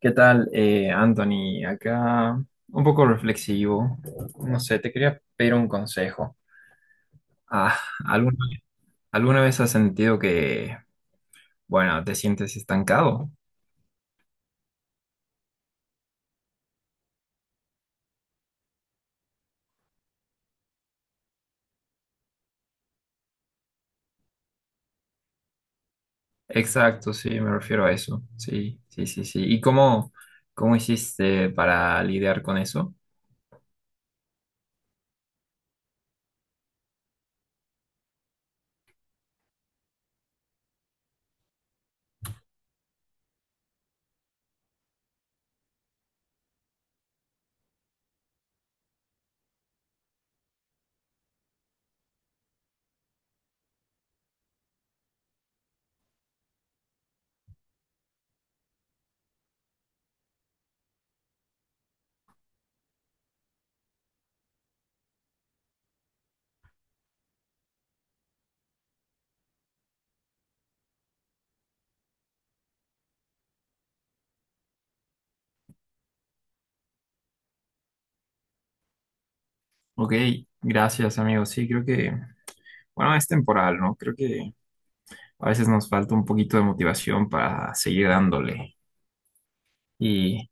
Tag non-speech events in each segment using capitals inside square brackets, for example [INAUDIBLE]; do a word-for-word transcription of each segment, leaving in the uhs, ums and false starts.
¿Qué tal, eh, Anthony? Acá un poco reflexivo. No sé, te quería pedir un consejo. Ah, ¿alguna, alguna vez has sentido que, bueno, te sientes estancado? Exacto, sí, me refiero a eso. Sí, sí, sí, sí. ¿Y cómo, cómo hiciste para lidiar con eso? Ok, gracias, amigo. Sí, creo que, bueno, es temporal, ¿no? Creo que a veces nos falta un poquito de motivación para seguir dándole. Y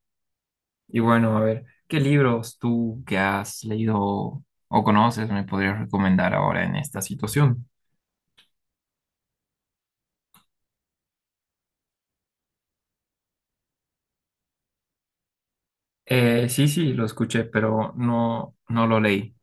Y bueno, a ver, ¿qué libros tú que has leído o conoces me podrías recomendar ahora en esta situación? Eh, sí, sí, lo escuché, pero no, no lo leí.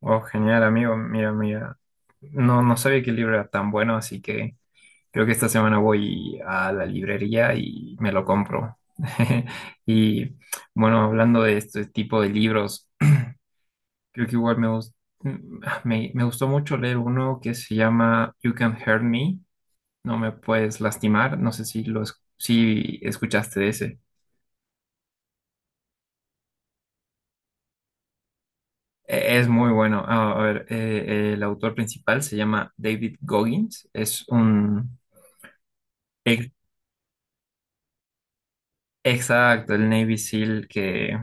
Oh, genial, amigo. Mira, mira. No, no sabía que el libro era tan bueno, así que creo que esta semana voy a la librería y me lo compro. [LAUGHS] Y bueno, hablando de este tipo de libros, creo que igual me, gust- me, me gustó mucho leer uno que se llama You Can Hurt Me, no me puedes lastimar. No sé si lo es- si escuchaste de ese. E- Es muy bueno. Ah, a ver, eh, el autor principal se llama David Goggins. Es un ex- exacto, el Navy SEAL que,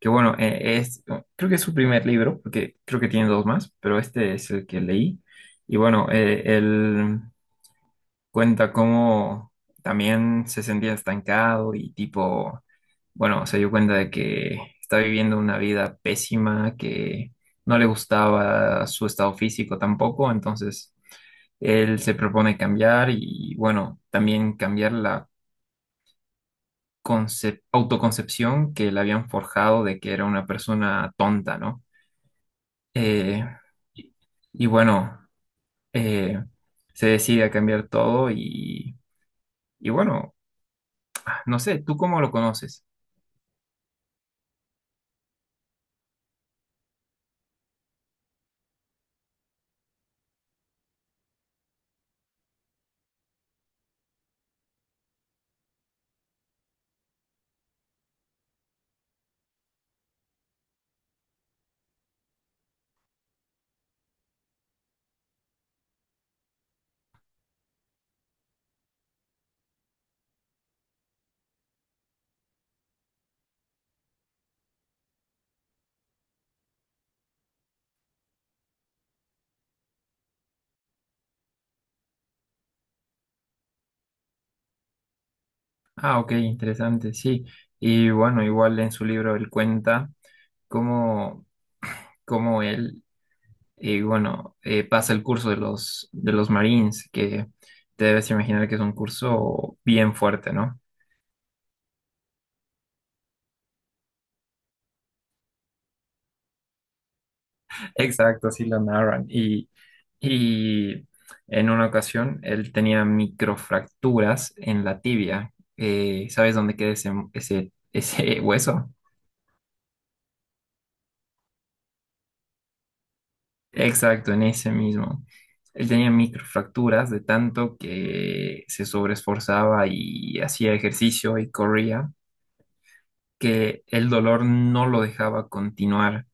que bueno, eh, es creo que es su primer libro, porque creo que tiene dos más, pero este es el que leí. Y bueno, eh, él cuenta cómo también se sentía estancado y tipo, bueno, se dio cuenta de que está viviendo una vida pésima, que no le gustaba su estado físico tampoco, entonces él se propone cambiar y bueno, también cambiar la concep- autoconcepción que le habían forjado de que era una persona tonta, ¿no? Eh, y y bueno, eh, se decide a cambiar todo y, y bueno. No sé, ¿tú cómo lo conoces? Ah, ok, interesante, sí. Y bueno, igual en su libro él cuenta cómo, cómo él, eh, bueno, eh, pasa el curso de los, de los, Marines, que te debes imaginar que es un curso bien fuerte, ¿no? [LAUGHS] Exacto, sí lo narran. Y, y en una ocasión él tenía microfracturas en la tibia. Eh, ¿sabes dónde queda ese, ese, ese hueso? Exacto, en ese mismo. Él tenía microfracturas de tanto que se sobreesforzaba y hacía ejercicio y corría, que el dolor no lo dejaba continuar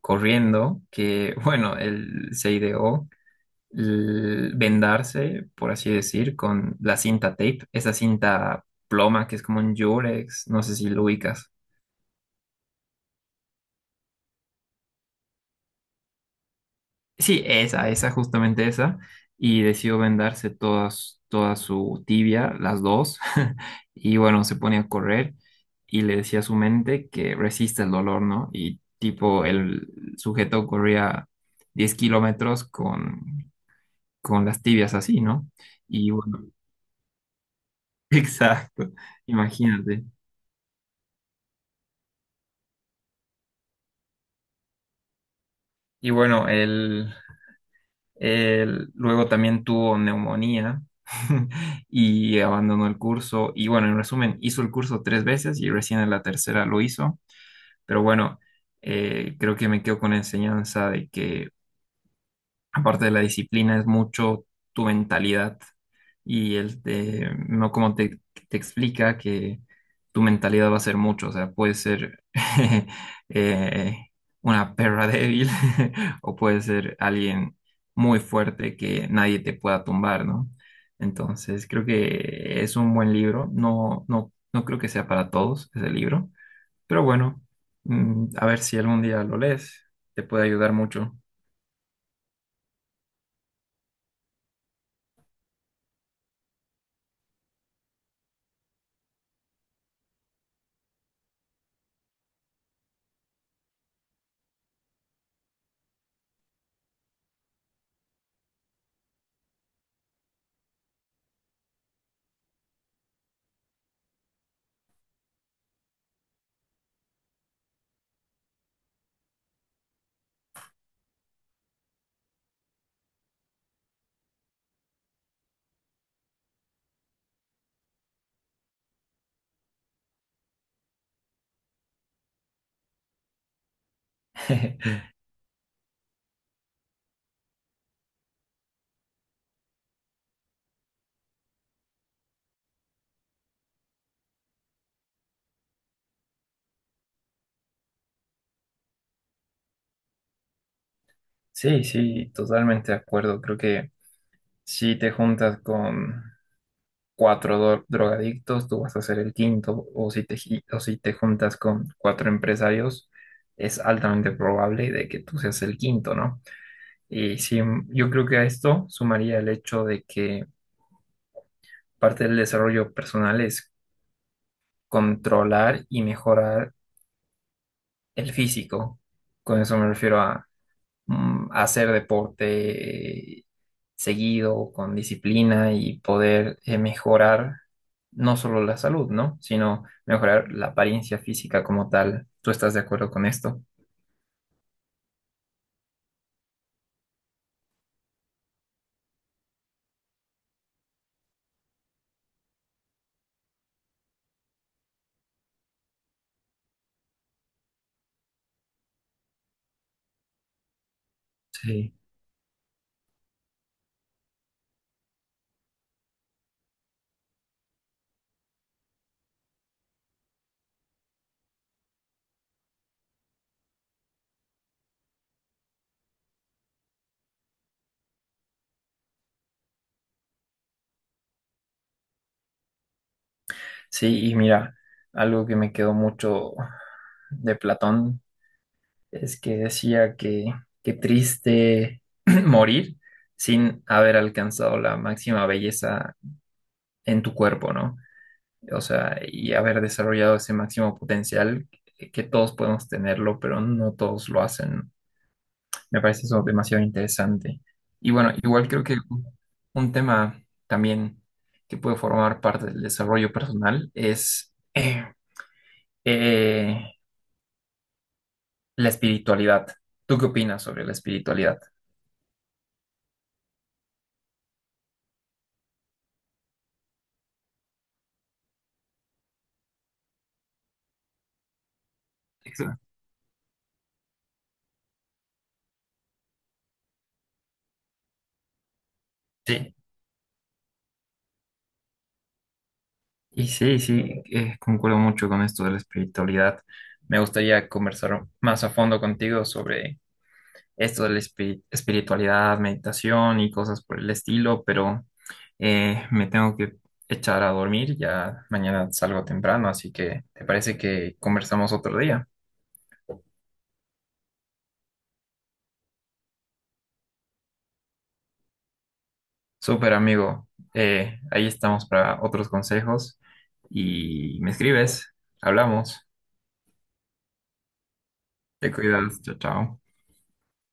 corriendo, que bueno, él se ideó l- vendarse, por así decir, con la cinta tape, esa cinta ploma que es como un Jurex, no sé si lo ubicas. Sí, esa, esa, justamente esa. Y decidió vendarse todas, toda su tibia, las dos. [LAUGHS] Y bueno, se pone a correr y le decía a su mente que resiste el dolor, ¿no? Y tipo, el sujeto corría diez kilómetros con, con las tibias así, ¿no? Y bueno, [LAUGHS] exacto, imagínate. Y bueno, el, Él luego también tuvo neumonía [LAUGHS] y abandonó el curso. Y bueno, en resumen, hizo el curso tres veces y recién en la tercera lo hizo. Pero bueno, eh, creo que me quedo con la enseñanza de que aparte de la disciplina, es mucho tu mentalidad y el de, no como te, te explica que tu mentalidad va a ser mucho, o sea, puede ser [LAUGHS] eh, una perra débil [LAUGHS] o puede ser alguien muy fuerte que nadie te pueda tumbar, ¿no? Entonces, creo que es un buen libro, no, no, no creo que sea para todos ese libro, pero bueno, mm, a ver si algún día lo lees, te puede ayudar mucho. [LAUGHS] Sí, sí, totalmente de acuerdo. Creo que si te juntas con cuatro dro- drogadictos, tú vas a ser el quinto, o si te, gi- o si te juntas con cuatro empresarios, es altamente probable de que tú seas el quinto, ¿no? Y sí, yo creo que a esto sumaría el hecho de que parte del desarrollo personal es controlar y mejorar el físico. Con eso me refiero mm, hacer deporte eh, seguido, con disciplina y poder eh, mejorar no solo la salud, ¿no? Sino mejorar la apariencia física como tal. ¿Tú estás de acuerdo con esto? Sí. Sí, y mira, algo que me quedó mucho de Platón es que decía que qué triste [CLEARS THROAT] morir sin haber alcanzado la máxima belleza en tu cuerpo, ¿no? O sea, y haber desarrollado ese máximo potencial que, que todos podemos tenerlo, pero no todos lo hacen. Me parece eso demasiado interesante. Y bueno, igual creo que un tema también que puede formar parte del desarrollo personal es eh, eh, la espiritualidad. ¿Tú qué opinas sobre la espiritualidad? Exacto. Sí, y sí, sí, eh, concuerdo mucho con esto de la espiritualidad. Me gustaría conversar más a fondo contigo sobre esto de la espi- espiritualidad, meditación y cosas por el estilo, pero eh, me tengo que echar a dormir, ya mañana salgo temprano, así que ¿te parece que conversamos otro día? Súper amigo, eh, ahí estamos para otros consejos y me escribes, hablamos, te cuidas, chao, chao.